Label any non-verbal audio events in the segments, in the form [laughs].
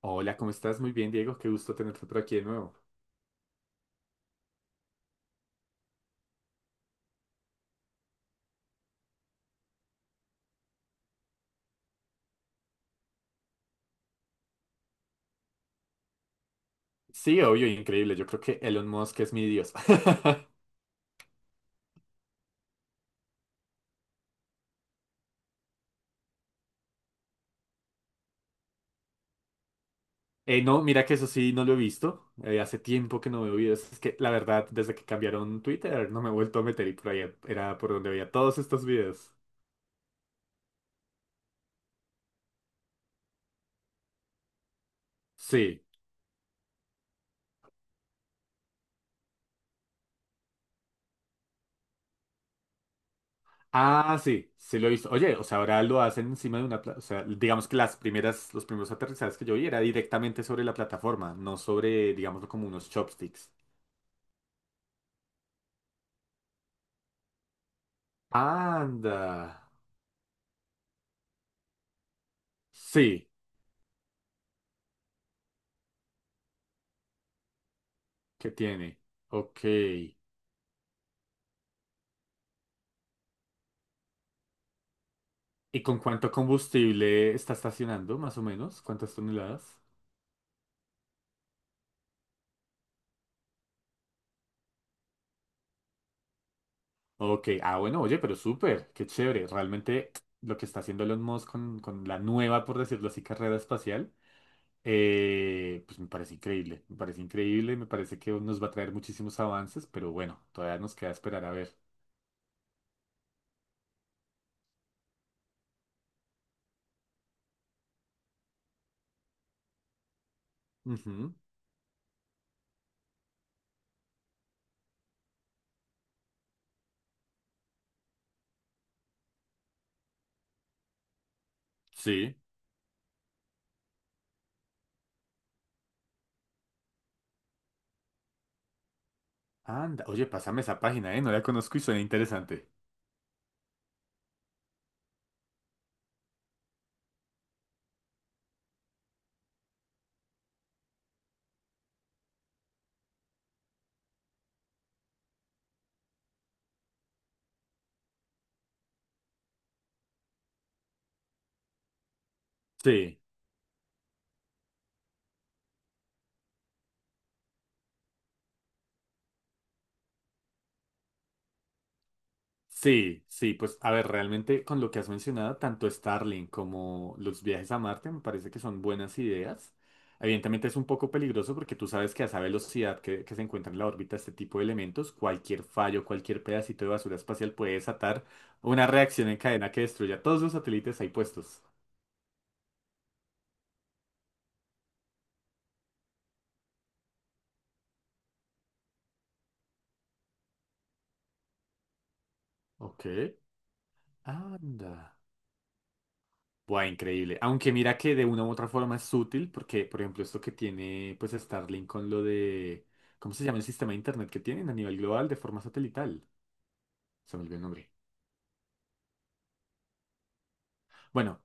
Hola, ¿cómo estás? Muy bien, Diego. Qué gusto tenerte por aquí de nuevo. Sí, obvio, increíble. Yo creo que Elon Musk es mi dios. [laughs] No, mira que eso sí no lo he visto. Hace tiempo que no veo videos. Es que la verdad, desde que cambiaron Twitter, no me he vuelto a meter y por ahí era por donde veía todos estos videos. Sí. Ah, sí, sí lo he visto. Oye, o sea, ahora lo hacen encima de o sea, digamos que los primeros aterrizajes que yo vi era directamente sobre la plataforma, no sobre, digámoslo, como unos chopsticks. Anda. Sí. Que tiene. Ok. ¿Y con cuánto combustible está estacionando, más o menos? ¿Cuántas toneladas? Ok. Ah, bueno, oye, pero súper. Qué chévere. Realmente lo que está haciendo Elon Musk con la nueva, por decirlo así, carrera espacial, pues me parece increíble. Me parece increíble. Me parece que nos va a traer muchísimos avances, pero bueno, todavía nos queda esperar a ver. Ujú. Sí. Anda. Oye, pásame esa página, ¿eh? No la conozco y suena interesante. Sí. Sí, sí, pues a ver, realmente con lo que has mencionado, tanto Starlink como los viajes a Marte me parece que son buenas ideas. Evidentemente es un poco peligroso porque tú sabes que a esa velocidad que se encuentra en la órbita este tipo de elementos, cualquier fallo, cualquier pedacito de basura espacial puede desatar una reacción en cadena que destruya todos los satélites ahí puestos. Ok, anda. Buah, increíble. Aunque mira que de una u otra forma es útil, porque, por ejemplo, esto que tiene pues Starlink con lo de. ¿Cómo se llama el sistema de internet que tienen a nivel global de forma satelital? Se me olvidó el nombre. Bueno,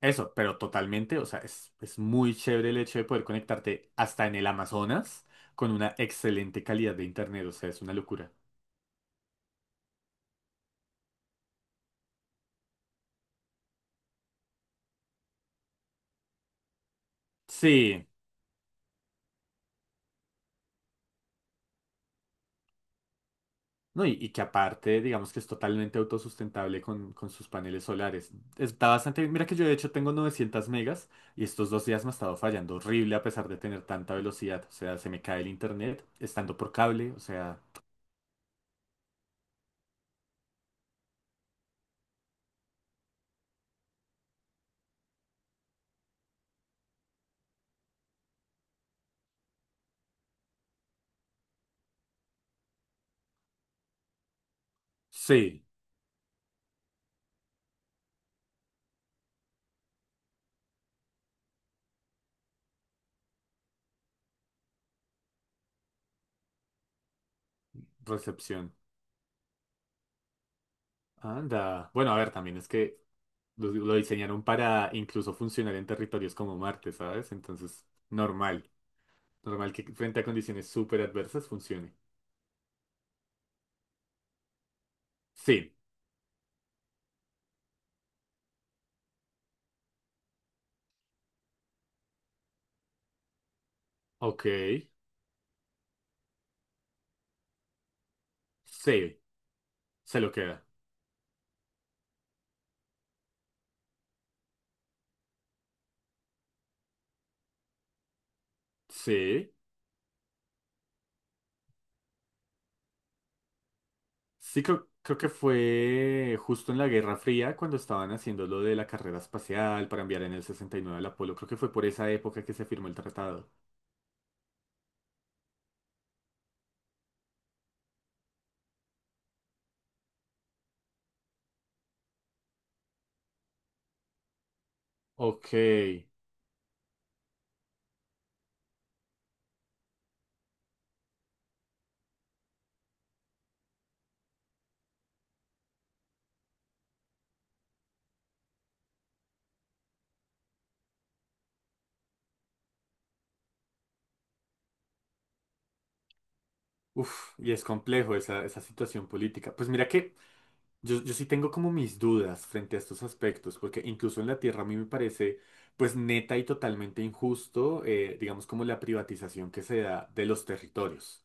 eso, pero totalmente, o sea, es muy chévere el hecho de poder conectarte hasta en el Amazonas con una excelente calidad de internet, o sea, es una locura. Sí. No, y que aparte, digamos que es totalmente autosustentable con sus paneles solares. Está bastante bien. Mira que yo de hecho tengo 900 megas y estos dos días me ha estado fallando horrible a pesar de tener tanta velocidad. O sea, se me cae el internet estando por cable. O sea, sí, recepción. Anda. Bueno, a ver, también es que lo diseñaron para incluso funcionar en territorios como Marte, ¿sabes? Entonces, normal. Normal que frente a condiciones súper adversas funcione. Sí, ok, sí, se lo queda. Sí. Sí, creo que fue justo en la Guerra Fría cuando estaban haciendo lo de la carrera espacial para enviar en el 69 al Apolo. Creo que fue por esa época que se firmó el tratado. Ok. Uf, y es complejo esa situación política. Pues mira que yo sí tengo como mis dudas frente a estos aspectos, porque incluso en la tierra a mí me parece pues neta y totalmente injusto, digamos como la privatización que se da de los territorios,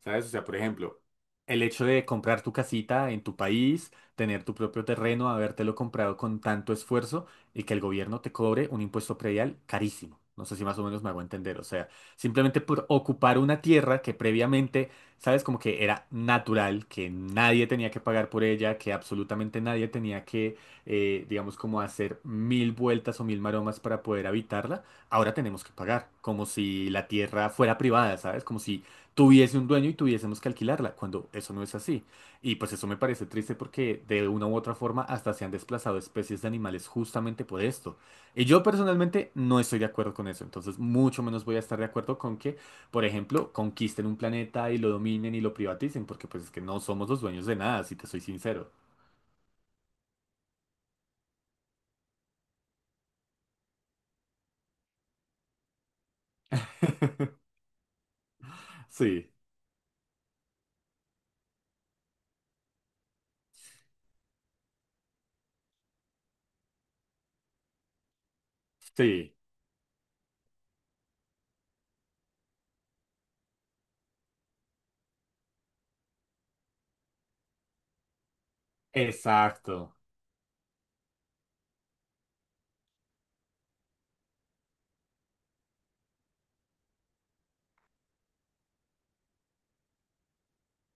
¿sabes? O sea, por ejemplo, el hecho de comprar tu casita en tu país, tener tu propio terreno, habértelo comprado con tanto esfuerzo y que el gobierno te cobre un impuesto predial carísimo. No sé si más o menos me hago entender. O sea, simplemente por ocupar una tierra que previamente, ¿sabes? Como que era natural, que nadie tenía que pagar por ella, que absolutamente nadie tenía que, digamos, como hacer mil vueltas o mil maromas para poder habitarla. Ahora tenemos que pagar, como si la tierra fuera privada, ¿sabes? Como si tuviese un dueño y tuviésemos que alquilarla, cuando eso no es así. Y pues eso me parece triste porque de una u otra forma hasta se han desplazado especies de animales justamente por esto. Y yo personalmente no estoy de acuerdo con eso, entonces mucho menos voy a estar de acuerdo con que, por ejemplo, conquisten un planeta y lo dominen y lo privaticen, porque pues es que no somos los dueños de nada, si te soy sincero. Sí, sí, exacto,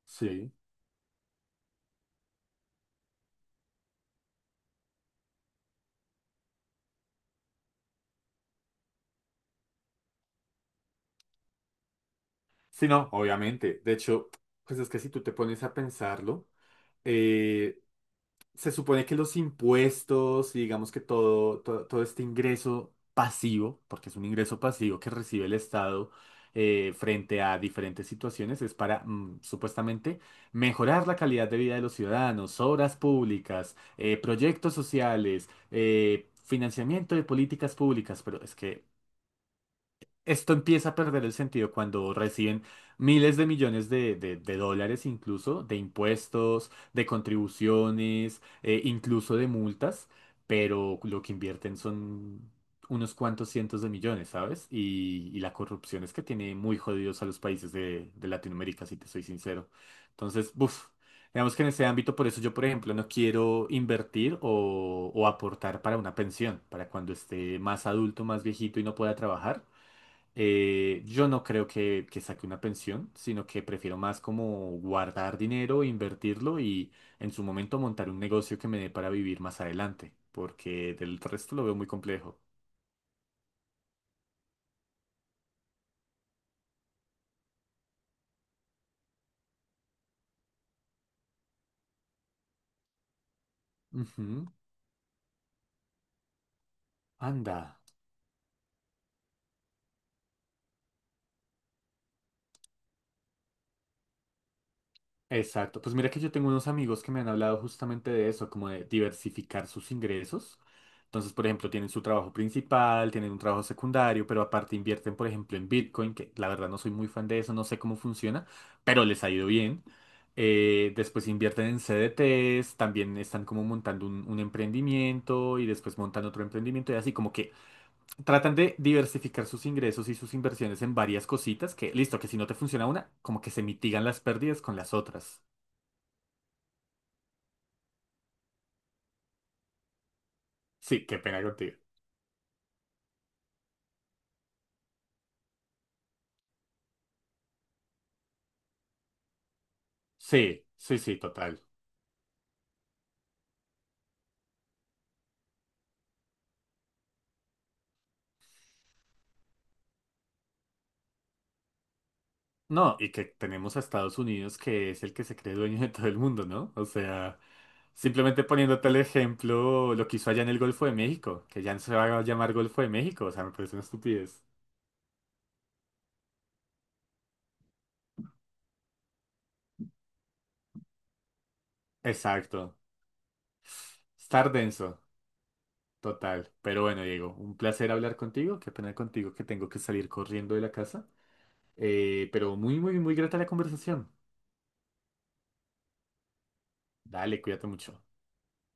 sí. Sí, no, obviamente. De hecho, pues es que si tú te pones a pensarlo, eh, se supone que los impuestos y digamos que todo, todo, todo este ingreso pasivo, porque es un ingreso pasivo que recibe el Estado frente a diferentes situaciones, es para supuestamente mejorar la calidad de vida de los ciudadanos, obras públicas, proyectos sociales, financiamiento de políticas públicas, pero es que esto empieza a perder el sentido cuando reciben miles de millones de dólares incluso, de impuestos, de contribuciones, incluso de multas, pero lo que invierten son unos cuantos cientos de millones, ¿sabes? Y la corrupción es que tiene muy jodidos a los países de Latinoamérica, si te soy sincero. Entonces, buf. Digamos que en ese ámbito, por eso yo, por ejemplo, no quiero invertir o aportar para una pensión, para cuando esté más adulto, más viejito y no pueda trabajar. Yo no creo que, saque una pensión, sino que prefiero más como guardar dinero, invertirlo y en su momento montar un negocio que me dé para vivir más adelante, porque del resto lo veo muy complejo. Ujú. Anda. Exacto. Pues mira que yo tengo unos amigos que me han hablado justamente de eso, como de diversificar sus ingresos. Entonces, por ejemplo, tienen su trabajo principal, tienen un trabajo secundario, pero aparte invierten, por ejemplo, en Bitcoin, que la verdad no soy muy fan de eso, no sé cómo funciona, pero les ha ido bien. Después invierten en CDTs, también están como montando un emprendimiento y después montan otro emprendimiento y así como que tratan de diversificar sus ingresos y sus inversiones en varias cositas que, listo, que si no te funciona una, como que se mitigan las pérdidas con las otras. Sí, qué pena contigo. Sí, sí, sí, total. No, y que tenemos a Estados Unidos que es el que se cree dueño de todo el mundo, ¿no? O sea, simplemente poniéndote el ejemplo, lo que hizo allá en el Golfo de México, que ya no se va a llamar Golfo de México, o sea, me parece una estupidez. Exacto. Estar denso, total. Pero bueno, Diego, un placer hablar contigo, qué pena contigo que tengo que salir corriendo de la casa. Pero muy, muy, muy grata la conversación. Dale, cuídate mucho.